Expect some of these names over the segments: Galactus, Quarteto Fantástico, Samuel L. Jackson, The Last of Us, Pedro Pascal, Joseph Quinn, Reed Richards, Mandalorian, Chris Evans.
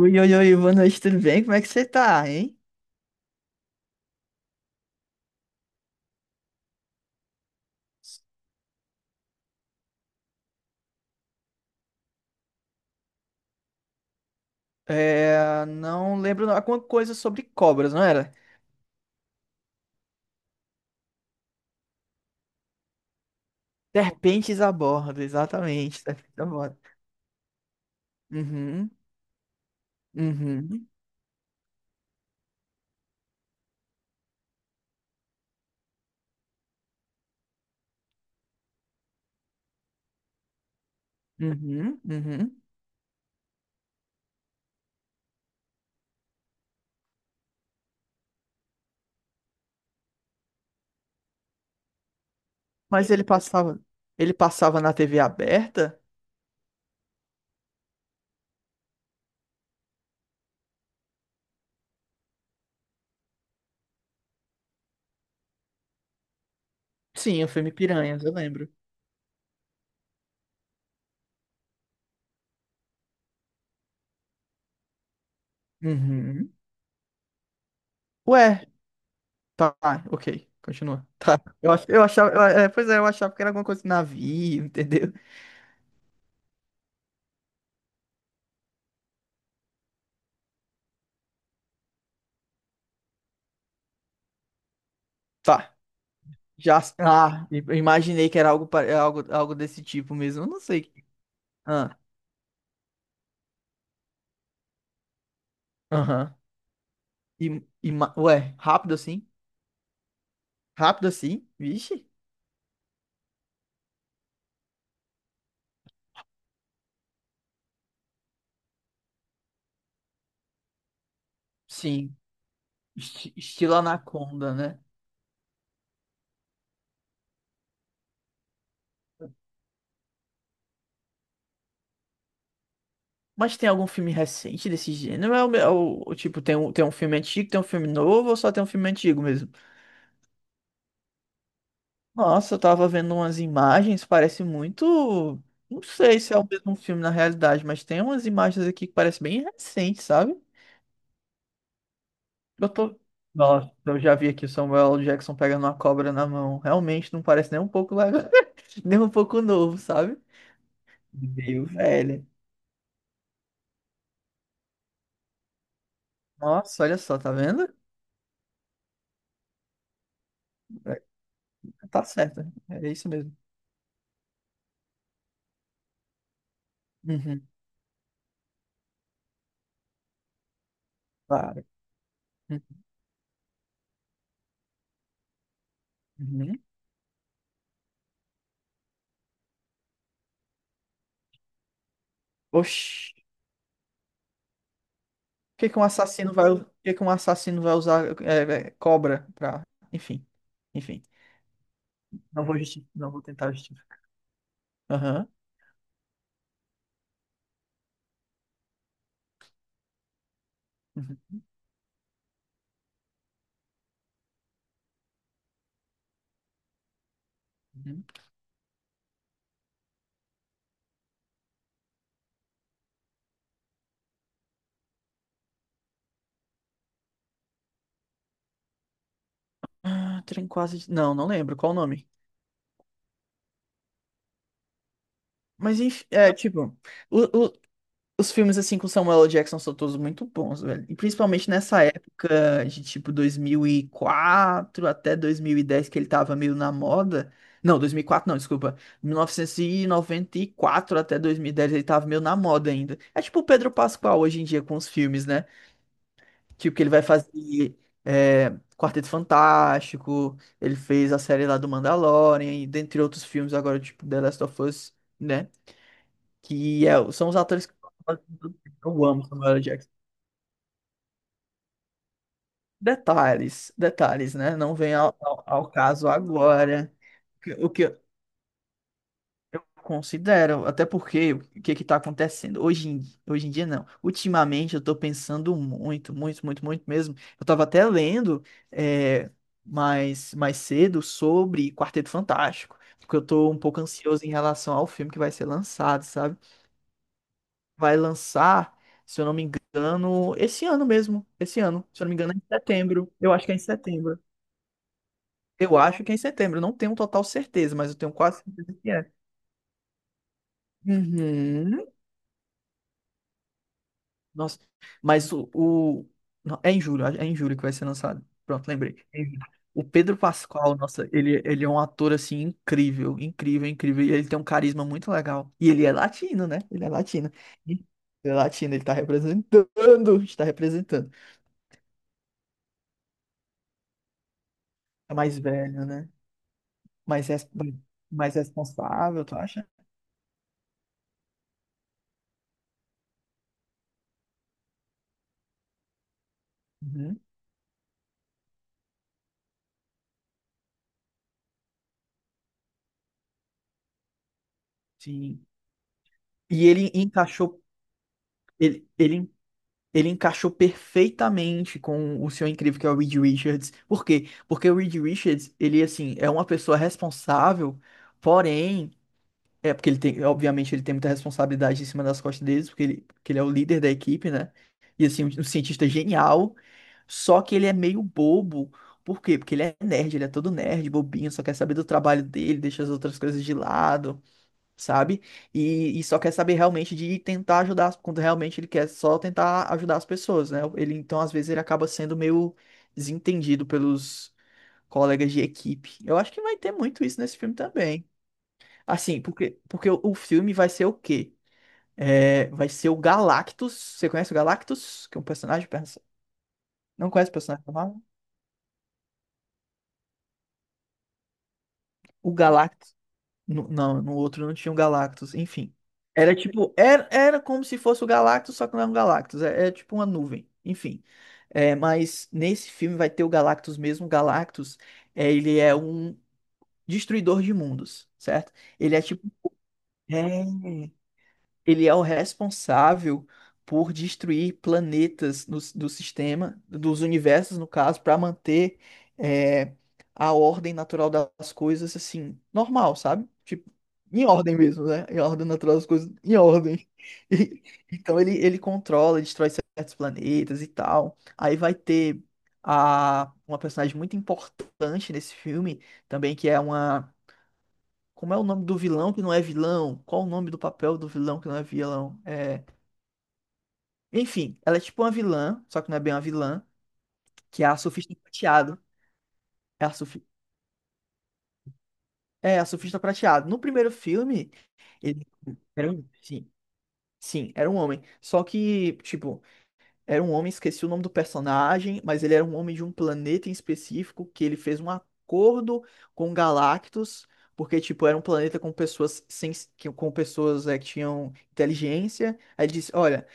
Oi, boa noite, tudo bem? Como é que você tá, hein? Não lembro não, alguma coisa sobre cobras, não era? Serpentes a bordo, exatamente, serpentes a bordo. Uhum, uhum, uhum. Mas ele passava na TV aberta? Sim, o filme Piranhas, eu lembro. Uhum. Ué, tá, ok, continua. Tá, eu achava, eu achava que era alguma coisa de navio, entendeu? Tá. Já, ah, imaginei que era algo, algo desse tipo mesmo. Eu não sei. Ah, aham. E, ué, rápido assim? Rápido assim? Vixe. Sim. Estilo Anaconda, né? Mas tem algum filme recente desse gênero? É o tipo, tem um filme antigo, tem um filme novo ou só tem um filme antigo mesmo? Nossa, eu tava vendo umas imagens, parece muito. Não sei se é o mesmo filme na realidade, mas tem umas imagens aqui que parece bem recente, sabe? Eu tô. Nossa, eu já vi aqui o Samuel Jackson pegando uma cobra na mão. Realmente não parece nem um pouco legal, nem um pouco novo, sabe? Meio velho. Nossa, olha só, tá vendo? É, tá certo, é isso mesmo. Uhum, claro. Uhum. Oxi, por que que um assassino vai usar cobra pra. Enfim, enfim. Não vou tentar justificar. Aham. Uhum. Uhum. Ah, trem quase. Não, não lembro qual o nome. Mas enfim, é tipo. O, os filmes, assim, com Samuel L. Jackson são todos muito bons, velho. E principalmente nessa época de, tipo, 2004 até 2010, que ele tava meio na moda. Não, 2004 não, desculpa. 1994 até 2010 ele tava meio na moda ainda. É tipo o Pedro Pascal hoje em dia com os filmes, né? Tipo, que ele vai fazer é, Quarteto Fantástico, ele fez a série lá do Mandalorian, e dentre outros filmes agora, tipo, The Last of Us, né? São os atores que eu amo Samuel L. Jackson. Detalhes, detalhes, né? Não vem ao caso agora. O que eu considero, até porque o que é que tá acontecendo? Hoje em dia, não. Ultimamente, eu tô pensando muito, muito, muito, muito mesmo. Eu tava até lendo é, mais cedo sobre Quarteto Fantástico, porque eu tô um pouco ansioso em relação ao filme que vai ser lançado, sabe? Vai lançar, se eu não me engano, esse ano mesmo. Esse ano, se eu não me engano, é em setembro. Eu acho que é em setembro. Eu não tenho total certeza, mas eu tenho quase certeza que é. Uhum. Nossa, mas não, é em julho que vai ser lançado. Pronto, lembrei. É em julho. O Pedro Pascal, nossa, ele é um ator assim incrível, incrível, incrível. E ele tem um carisma muito legal. E ele é latino, né? Ele é latino. Ele é latino, ele tá representando, está representando. É mais velho, né? mais, res- mais responsável, tu acha? Uhum, sim. E ele encaixou, ele, ele, ele encaixou perfeitamente com o seu incrível que é o Reed Richards. Por quê? Porque o Reed Richards, ele assim, é uma pessoa responsável, porém é, porque ele tem, obviamente, ele tem muita responsabilidade em cima das costas deles, porque ele é o líder da equipe, né? E assim, um cientista genial, só que ele é meio bobo. Por quê? Porque ele é nerd, ele é todo nerd, bobinho, só quer saber do trabalho dele, deixa as outras coisas de lado, sabe? E só quer saber realmente de tentar ajudar, quando realmente ele quer só tentar ajudar as pessoas, né? Ele, então, às vezes, ele acaba sendo meio desentendido pelos colegas de equipe. Eu acho que vai ter muito isso nesse filme também. Assim, porque o filme vai ser o quê? É, vai ser o Galactus. Você conhece o Galactus? Que é um personagem. Não conhece o personagem normal? O Galactus. Não, no outro não tinha o Galactus. Enfim. Era tipo. Era como se fosse o Galactus, só que não é um Galactus. É, é tipo uma nuvem. Enfim. É, mas nesse filme vai ter o Galactus mesmo. O Galactus, é, ele é um destruidor de mundos, certo? Ele é tipo. É. Ele é o responsável por destruir planetas no, do sistema, dos universos, no caso, para manter é, a ordem natural das coisas, assim, normal, sabe? Tipo, em ordem mesmo, né? Em ordem natural das coisas, em ordem. E- então ele controla, destrói certos planetas e tal. Aí vai ter uma personagem muito importante nesse filme também, que é uma como é o nome do vilão que não é vilão? Qual o nome do papel do vilão que não é vilão? É... Enfim, ela é tipo uma vilã, só que não é bem uma vilã, que é a surfista prateado. É a, surfi... é a surfista prateado. No primeiro filme, ele era um... Sim, sim, era um homem. Só que, tipo, era um homem, esqueci o nome do personagem, mas ele era um homem de um planeta em específico que ele fez um acordo com Galactus. Porque, tipo, era um planeta com pessoas sem, que com pessoas é, que tinham inteligência. Aí ele disse, olha,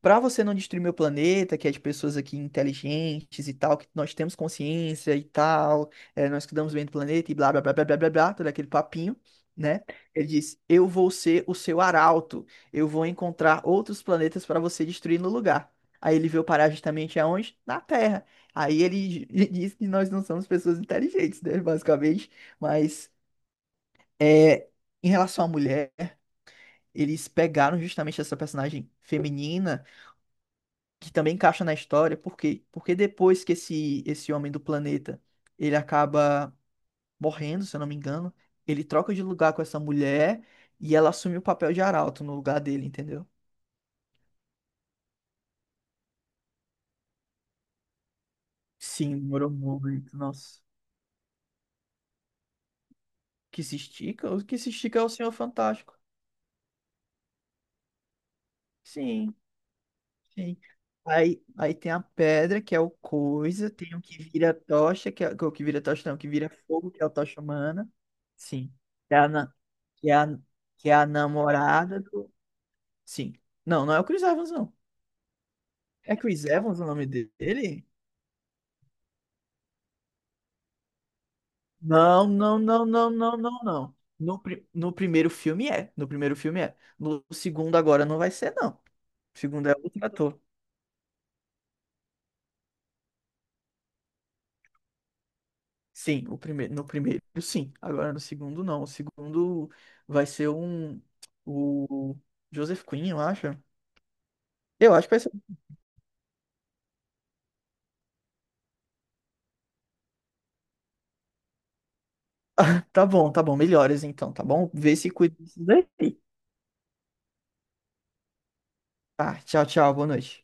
para você não destruir meu planeta, que é de pessoas aqui inteligentes e tal, que nós temos consciência e tal, é, nós cuidamos bem do planeta e blá blá blá blá blá blá, blá, todo aquele papinho, né? Ele diz: eu vou ser o seu arauto, eu vou encontrar outros planetas para você destruir no lugar. Aí ele veio parar justamente aonde? Na Terra. Aí ele diz que nós não somos pessoas inteligentes, né? Basicamente. Mas é, em relação à mulher, eles pegaram justamente essa personagem feminina que também encaixa na história, por quê? Porque depois que esse homem do planeta, ele acaba morrendo, se eu não me engano, ele troca de lugar com essa mulher e ela assume o papel de arauto no lugar dele, entendeu? Sim, demorou muito, nossa. Que se estica? O que se estica é o Senhor Fantástico. Sim, sim. Aí tem a pedra, que é o coisa, tem o que vira tocha, que é o que vira tocha, não, o que vira fogo, que é o tocha humana. Sim. Que é a, na- que é que é a namorada do. Sim. Não, não é o Chris Evans, não. É Chris Evans o nome dele? Não. No primeiro filme é. No primeiro filme é. No segundo agora não vai ser, não. O segundo é outro ator. Sim, o primeiro, no primeiro sim. Agora no segundo não. O segundo vai ser um. O Joseph Quinn, eu acho. Eu acho que vai ser. Tá bom, tá bom. Melhoras então, tá bom? Vê se cuida disso daí. Tá, tchau, tchau. Boa noite.